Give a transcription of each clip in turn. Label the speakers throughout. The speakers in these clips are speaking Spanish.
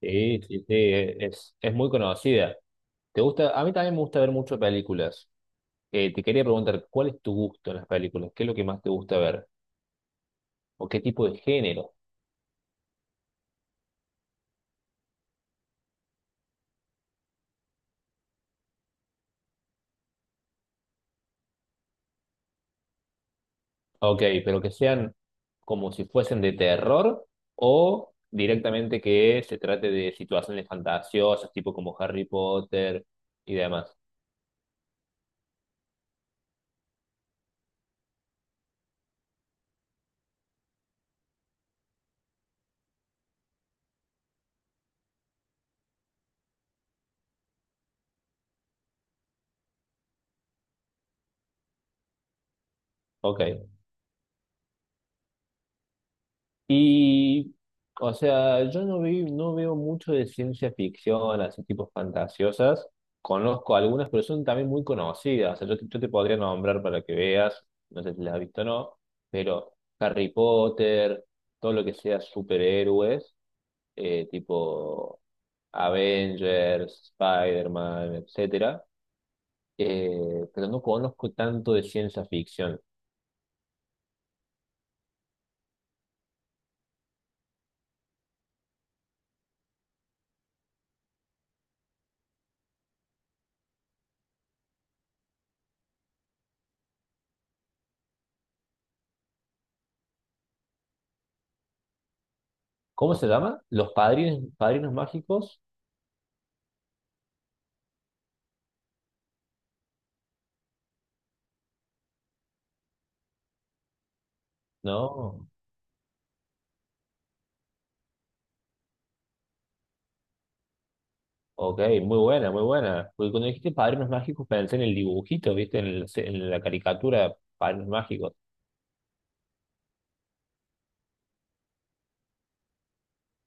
Speaker 1: Sí, sí, sí, es muy conocida. ¿Te gusta? A mí también me gusta ver mucho películas. Te quería preguntar, ¿cuál es tu gusto en las películas? ¿Qué es lo que más te gusta ver? ¿O qué tipo de género? Ok, pero que sean como si fuesen de terror o directamente que se trate de situaciones fantasiosas, tipo como Harry Potter y demás. Ok. Y, o sea, yo no, vi, no veo mucho de ciencia ficción, así tipo fantasiosas. Conozco algunas, pero son también muy conocidas. O sea, yo te podría nombrar para que veas, no sé si las has visto o no, pero Harry Potter, todo lo que sea superhéroes, tipo Avengers, Spider-Man, etcétera. Pero no conozco tanto de ciencia ficción. ¿Cómo se llama? ¿Los padrinos mágicos? No. Ok, muy buena, muy buena. Porque cuando dijiste padrinos mágicos pensé en el dibujito, ¿viste? En la caricatura, padrinos mágicos.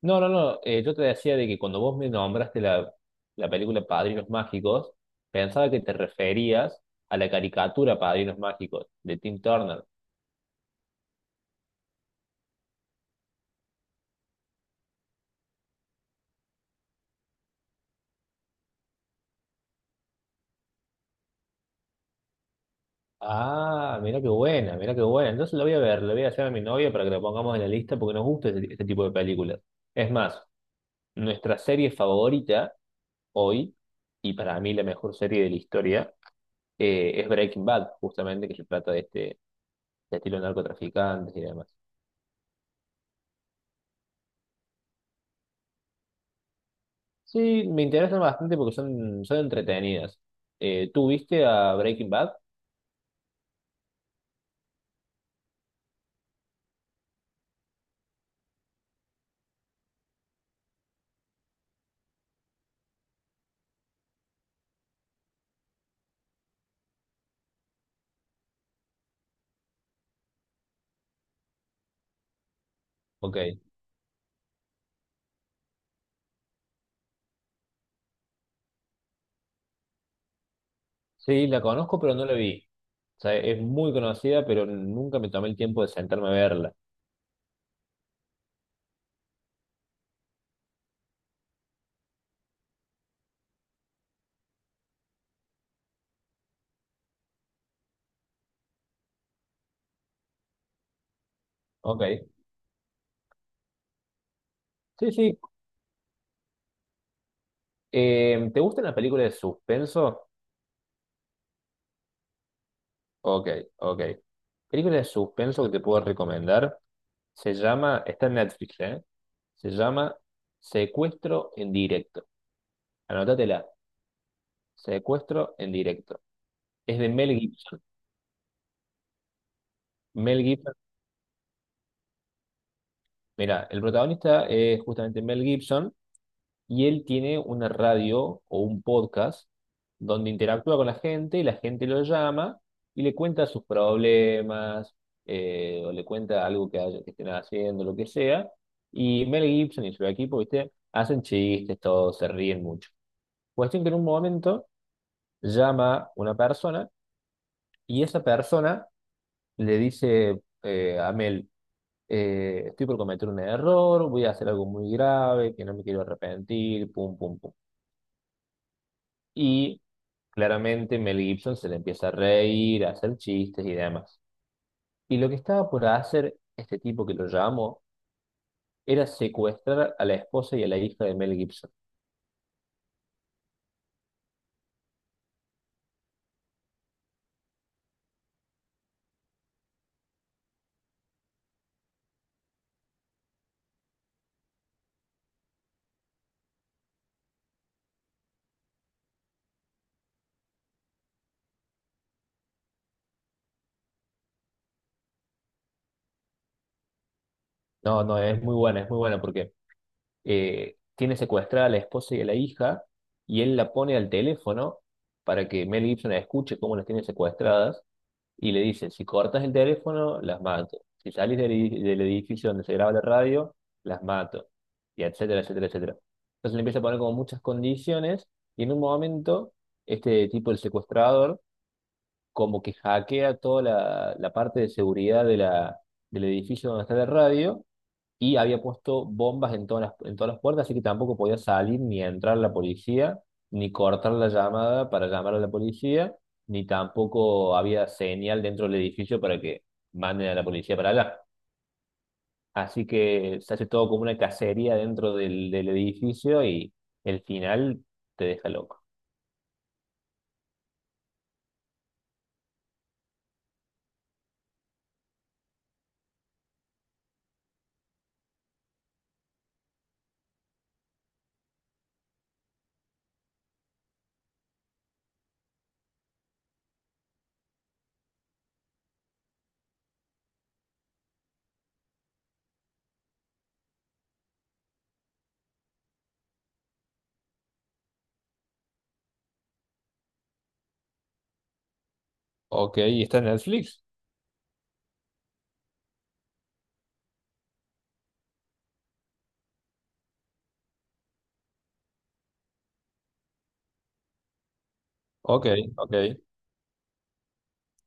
Speaker 1: No, no, no. Eh, yo te decía de que cuando vos me nombraste la película Padrinos Mágicos, pensaba que te referías a la caricatura Padrinos Mágicos de Tim Turner. Ah, mira qué buena, mira qué buena. Entonces lo voy a ver, le voy a hacer a mi novia para que lo pongamos en la lista porque nos gusta este tipo de películas. Es más, nuestra serie favorita hoy, y para mí la mejor serie de la historia. Eh, es Breaking Bad, justamente, que se trata de estilo de narcotraficantes y demás. Sí, me interesan bastante porque son entretenidas. ¿Tú viste a Breaking Bad? Ok. Sí, la conozco, pero no la vi. O sea, es muy conocida, pero nunca me tomé el tiempo de sentarme a verla. Ok. Sí, sí. ¿Te gustan las películas de suspenso? Ok, ok. Película de suspenso que te puedo recomendar se llama, está en Netflix, ¿eh? Se llama Secuestro en directo. Anótatela. Secuestro en directo. Es de Mel Gibson. Mel Gibson, mira, el protagonista es justamente Mel Gibson y él tiene una radio o un podcast donde interactúa con la gente y la gente lo llama y le cuenta sus problemas o le cuenta algo que estén haciendo, lo que sea. Y Mel Gibson y su equipo, ¿viste? Hacen chistes, todos se ríen mucho. Cuestión que en un momento llama una persona y esa persona le dice a Mel. Eh, estoy por cometer un error, voy a hacer algo muy grave, que no me quiero arrepentir, pum, pum, pum. Y claramente Mel Gibson se le empieza a reír, a hacer chistes y demás. Y lo que estaba por hacer este tipo que lo llamó era secuestrar a la esposa y a la hija de Mel Gibson. No, no, es muy buena porque tiene secuestrada a la esposa y a la hija y él la pone al teléfono para que Mel Gibson escuche cómo las tiene secuestradas y le dice, si cortas el teléfono, las mato. Si sales del edificio donde se graba la radio, las mato. Y etcétera, etcétera, etcétera. Entonces le empieza a poner como muchas condiciones y en un momento este tipo, el secuestrador, como que hackea toda la parte de seguridad del edificio donde está la radio y había puesto bombas en en todas las puertas, así que tampoco podía salir ni entrar la policía, ni cortar la llamada para llamar a la policía, ni tampoco había señal dentro del edificio para que manden a la policía para allá. Así que se hace todo como una cacería dentro del edificio y el final te deja loco. Ok, ¿y está en Netflix? Ok, ok.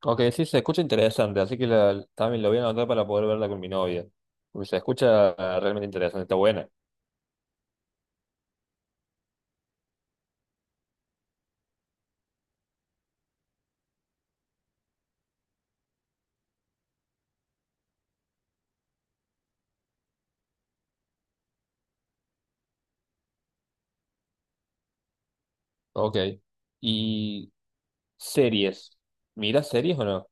Speaker 1: Ok, sí, se escucha interesante, así que también lo voy a anotar para poder verla con mi novia. Porque se escucha ah, realmente interesante, está buena. Ok. ¿Y series? ¿Miras series o no?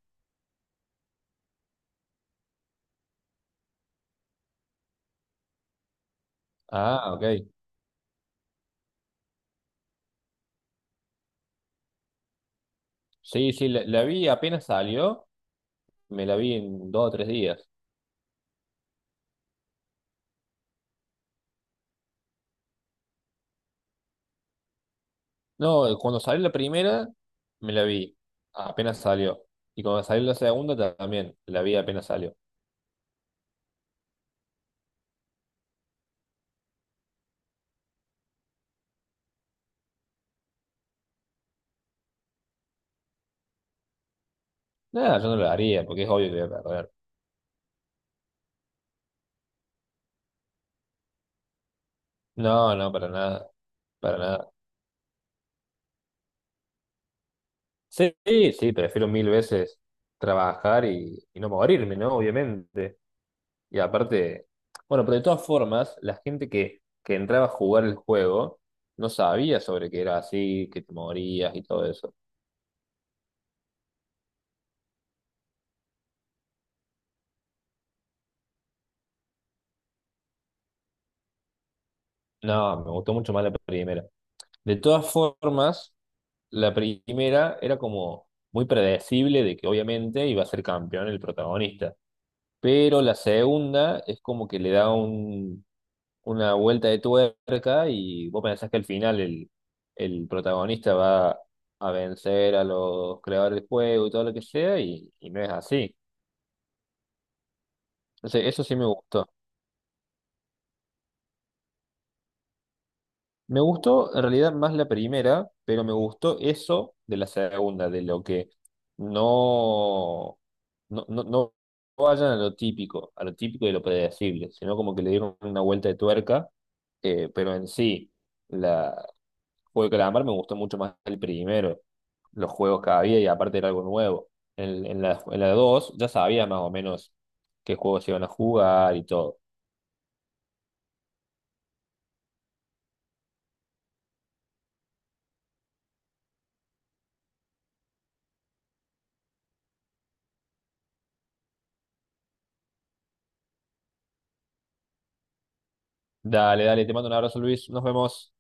Speaker 1: Ah, ok. Sí, sí, la vi apenas salió, me la vi en 2 o 3 días. No, cuando salió la primera, me la vi, apenas salió. Y cuando salió también, la vi apenas salió. Nada, yo no la haría, porque es obvio que voy a perder. No, no, para nada, para nada. Sí, sí, prefiero 1000 veces trabajar y no morirme, ¿no? Obviamente. Y aparte, bueno, pero de todas formas, la gente que entraba a jugar el juego no sabía sobre que era así, que te morías y todo eso. No, me gustó mucho más la primera. De todas formas, la primera era como muy predecible de que obviamente iba a ser campeón el protagonista. Pero la segunda es como que le da un una vuelta de tuerca y vos pensás que al final el protagonista va a vencer a los creadores del juego y todo lo que sea, y no es así. Entonces, eso sí me gustó. Me gustó en realidad más la primera, pero me gustó eso de la segunda, de lo que no, no vayan a lo típico y lo predecible, sino como que le dieron una vuelta de tuerca, pero en sí Juego de Calamar me gustó mucho más el primero, los juegos que había y aparte era algo nuevo. En la 2 ya sabía más o menos qué juegos se iban a jugar y todo. Dale, dale, te mando un abrazo Luis, nos vemos.